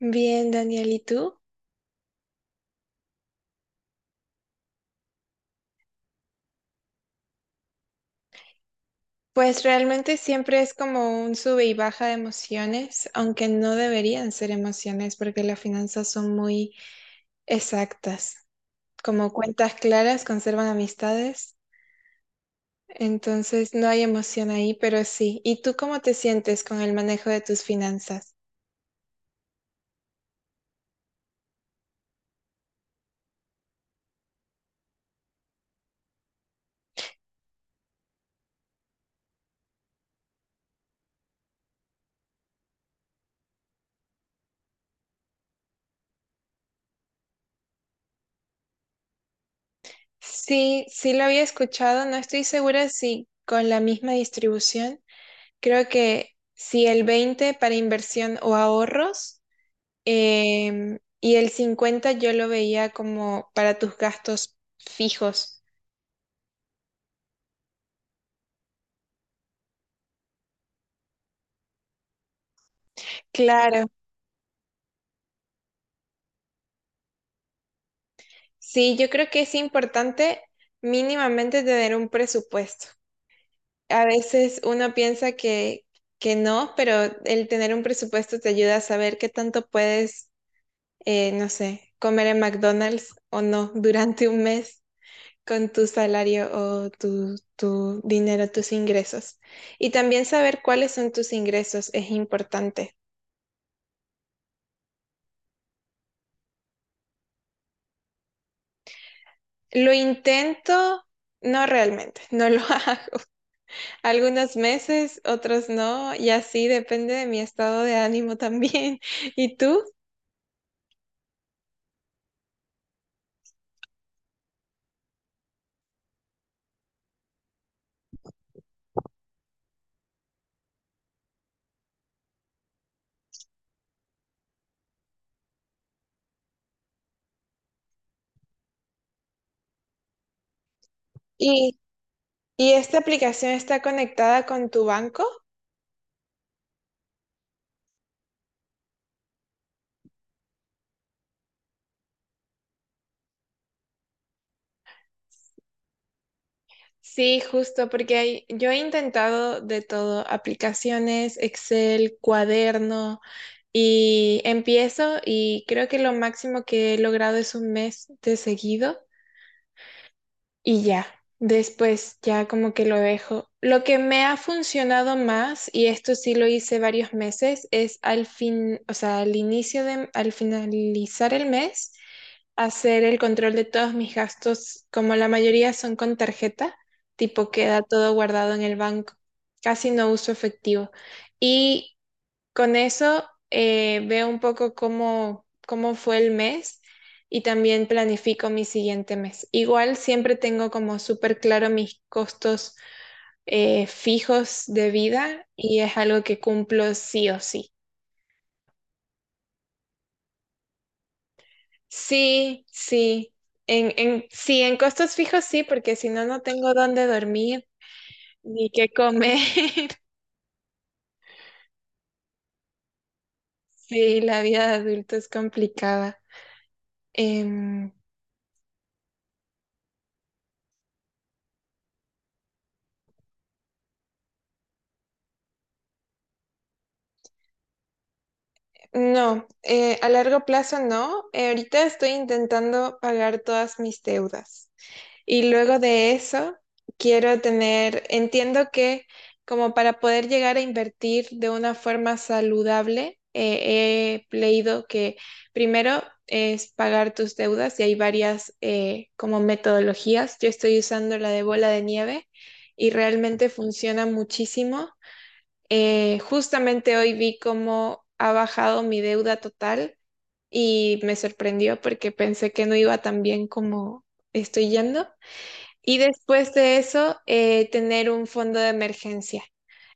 Bien, Daniel, ¿y tú? Pues realmente siempre es como un sube y baja de emociones, aunque no deberían ser emociones porque las finanzas son muy exactas. Como cuentas claras conservan amistades, entonces no hay emoción ahí, pero sí. ¿Y tú cómo te sientes con el manejo de tus finanzas? Sí, sí lo había escuchado. No estoy segura si con la misma distribución. Creo que si el 20 para inversión o ahorros. Y el 50 yo lo veía como para tus gastos fijos. Claro, sí, yo creo que es importante mínimamente tener un presupuesto. A veces uno piensa que no, pero el tener un presupuesto te ayuda a saber qué tanto puedes, no sé, comer en McDonald's o no durante un mes con tu salario o tu dinero, tus ingresos. Y también saber cuáles son tus ingresos es importante. Lo intento, no realmente, no lo hago. Algunos meses, otros no, y así depende de mi estado de ánimo también. ¿Y tú? ¿Y, y esta aplicación está conectada con tu banco? Sí, justo, porque yo he intentado de todo, aplicaciones, Excel, cuaderno, y empiezo y creo que lo máximo que he logrado es un mes de seguido. Y ya. Después ya como que lo dejo. Lo que me ha funcionado más, y esto sí lo hice varios meses, es al fin, o sea, al finalizar el mes, hacer el control de todos mis gastos, como la mayoría son con tarjeta, tipo queda todo guardado en el banco. Casi no uso efectivo. Y con eso veo un poco cómo fue el mes y también planifico mi siguiente mes. Igual siempre tengo como súper claro mis costos fijos de vida, y es algo que cumplo sí o sí. Sí, sí. Sí, en costos fijos sí, porque si no, no tengo dónde dormir ni qué comer. Sí, la vida de adulto es complicada. Em, No, a largo plazo no. Ahorita estoy intentando pagar todas mis deudas. Y luego de eso, quiero tener, entiendo que como para poder llegar a invertir de una forma saludable, he leído que primero es pagar tus deudas y hay varias como metodologías. Yo estoy usando la de bola de nieve y realmente funciona muchísimo. Justamente hoy vi cómo ha bajado mi deuda total y me sorprendió porque pensé que no iba tan bien como estoy yendo. Y después de eso, tener un fondo de emergencia.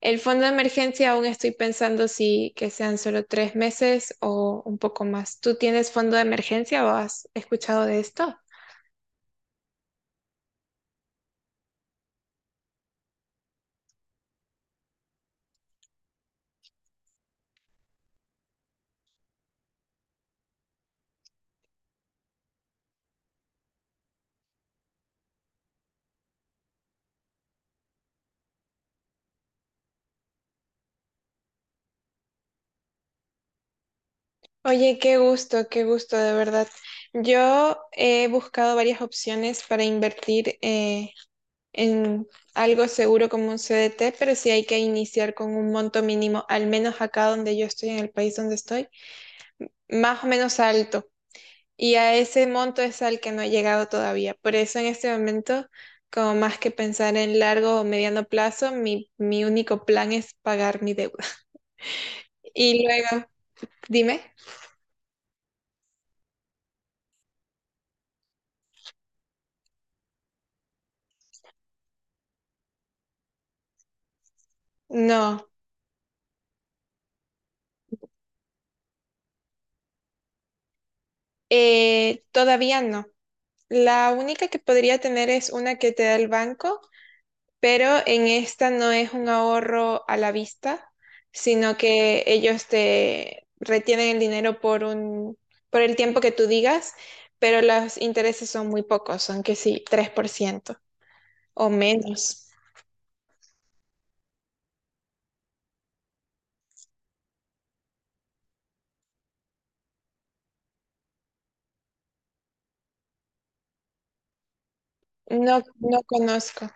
El fondo de emergencia aún estoy pensando si que sean solo 3 meses o un poco más. ¿Tú tienes fondo de emergencia o has escuchado de esto? Oye, qué gusto, de verdad. Yo he buscado varias opciones para invertir en algo seguro como un CDT, pero sí hay que iniciar con un monto mínimo, al menos acá donde yo estoy, en el país donde estoy, más o menos alto. Y a ese monto es al que no he llegado todavía. Por eso en este momento, como más que pensar en largo o mediano plazo, mi único plan es pagar mi deuda. Y luego, dime, no, todavía no. La única que podría tener es una que te da el banco, pero en esta no es un ahorro a la vista, sino que ellos te retienen el dinero por el tiempo que tú digas, pero los intereses son muy pocos, son que sí, 3% o menos. No, no conozco.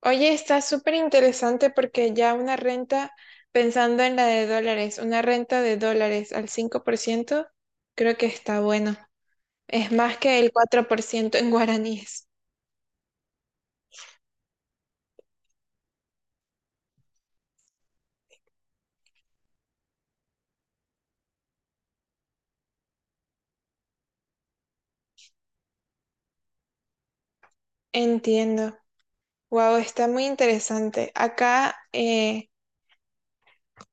Oye, está súper interesante porque ya una renta, pensando en la de dólares, una renta de dólares al 5%, creo que está bueno. Es más que el 4% en guaraníes. Entiendo. Wow, está muy interesante. Acá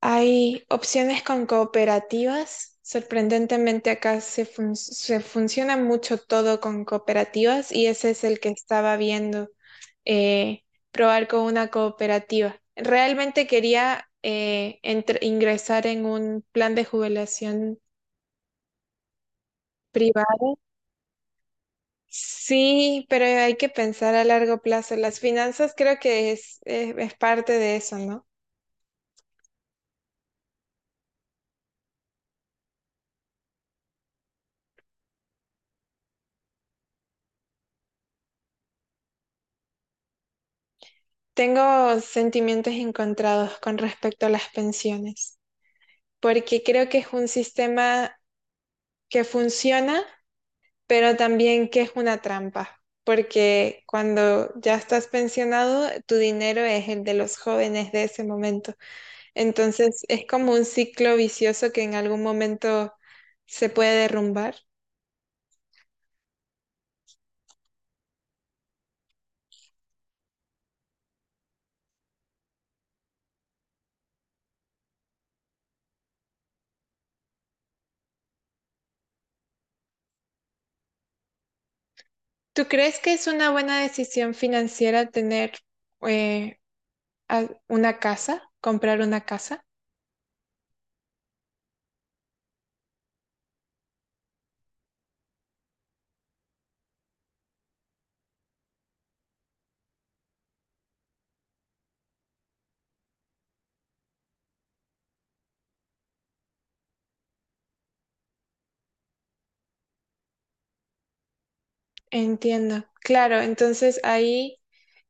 hay opciones con cooperativas. Sorprendentemente acá se funciona mucho todo con cooperativas, y ese es el que estaba viendo, eh, probar con una cooperativa. Realmente quería ingresar en un plan de jubilación privada. Sí, pero hay que pensar a largo plazo. Las finanzas creo que es parte de eso, ¿no? Tengo sentimientos encontrados con respecto a las pensiones, porque creo que es un sistema que funciona, pero también que es una trampa, porque cuando ya estás pensionado, tu dinero es el de los jóvenes de ese momento. Entonces es como un ciclo vicioso que en algún momento se puede derrumbar. ¿Tú crees que es una buena decisión financiera tener eh, una casa, comprar una casa? Entiendo. Claro, entonces ahí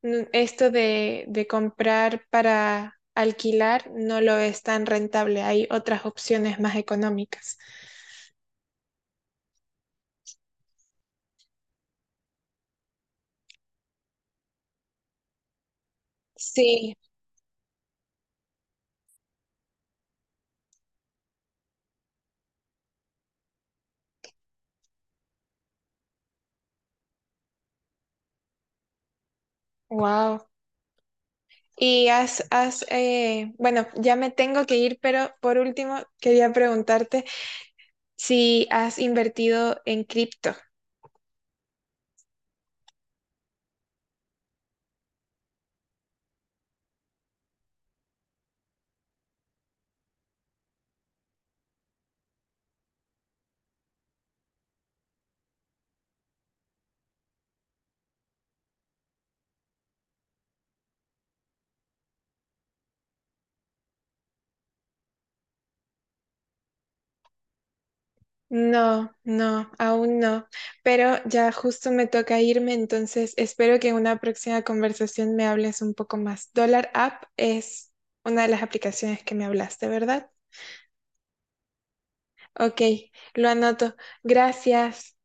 esto de comprar para alquilar no lo es tan rentable. Hay otras opciones más económicas. Sí, wow. Y has bueno, ya me tengo que ir, pero por último quería preguntarte si has invertido en cripto. No, no, aún no. Pero ya justo me toca irme, entonces espero que en una próxima conversación me hables un poco más. Dollar App es una de las aplicaciones que me hablaste, ¿verdad? Ok, lo anoto. Gracias.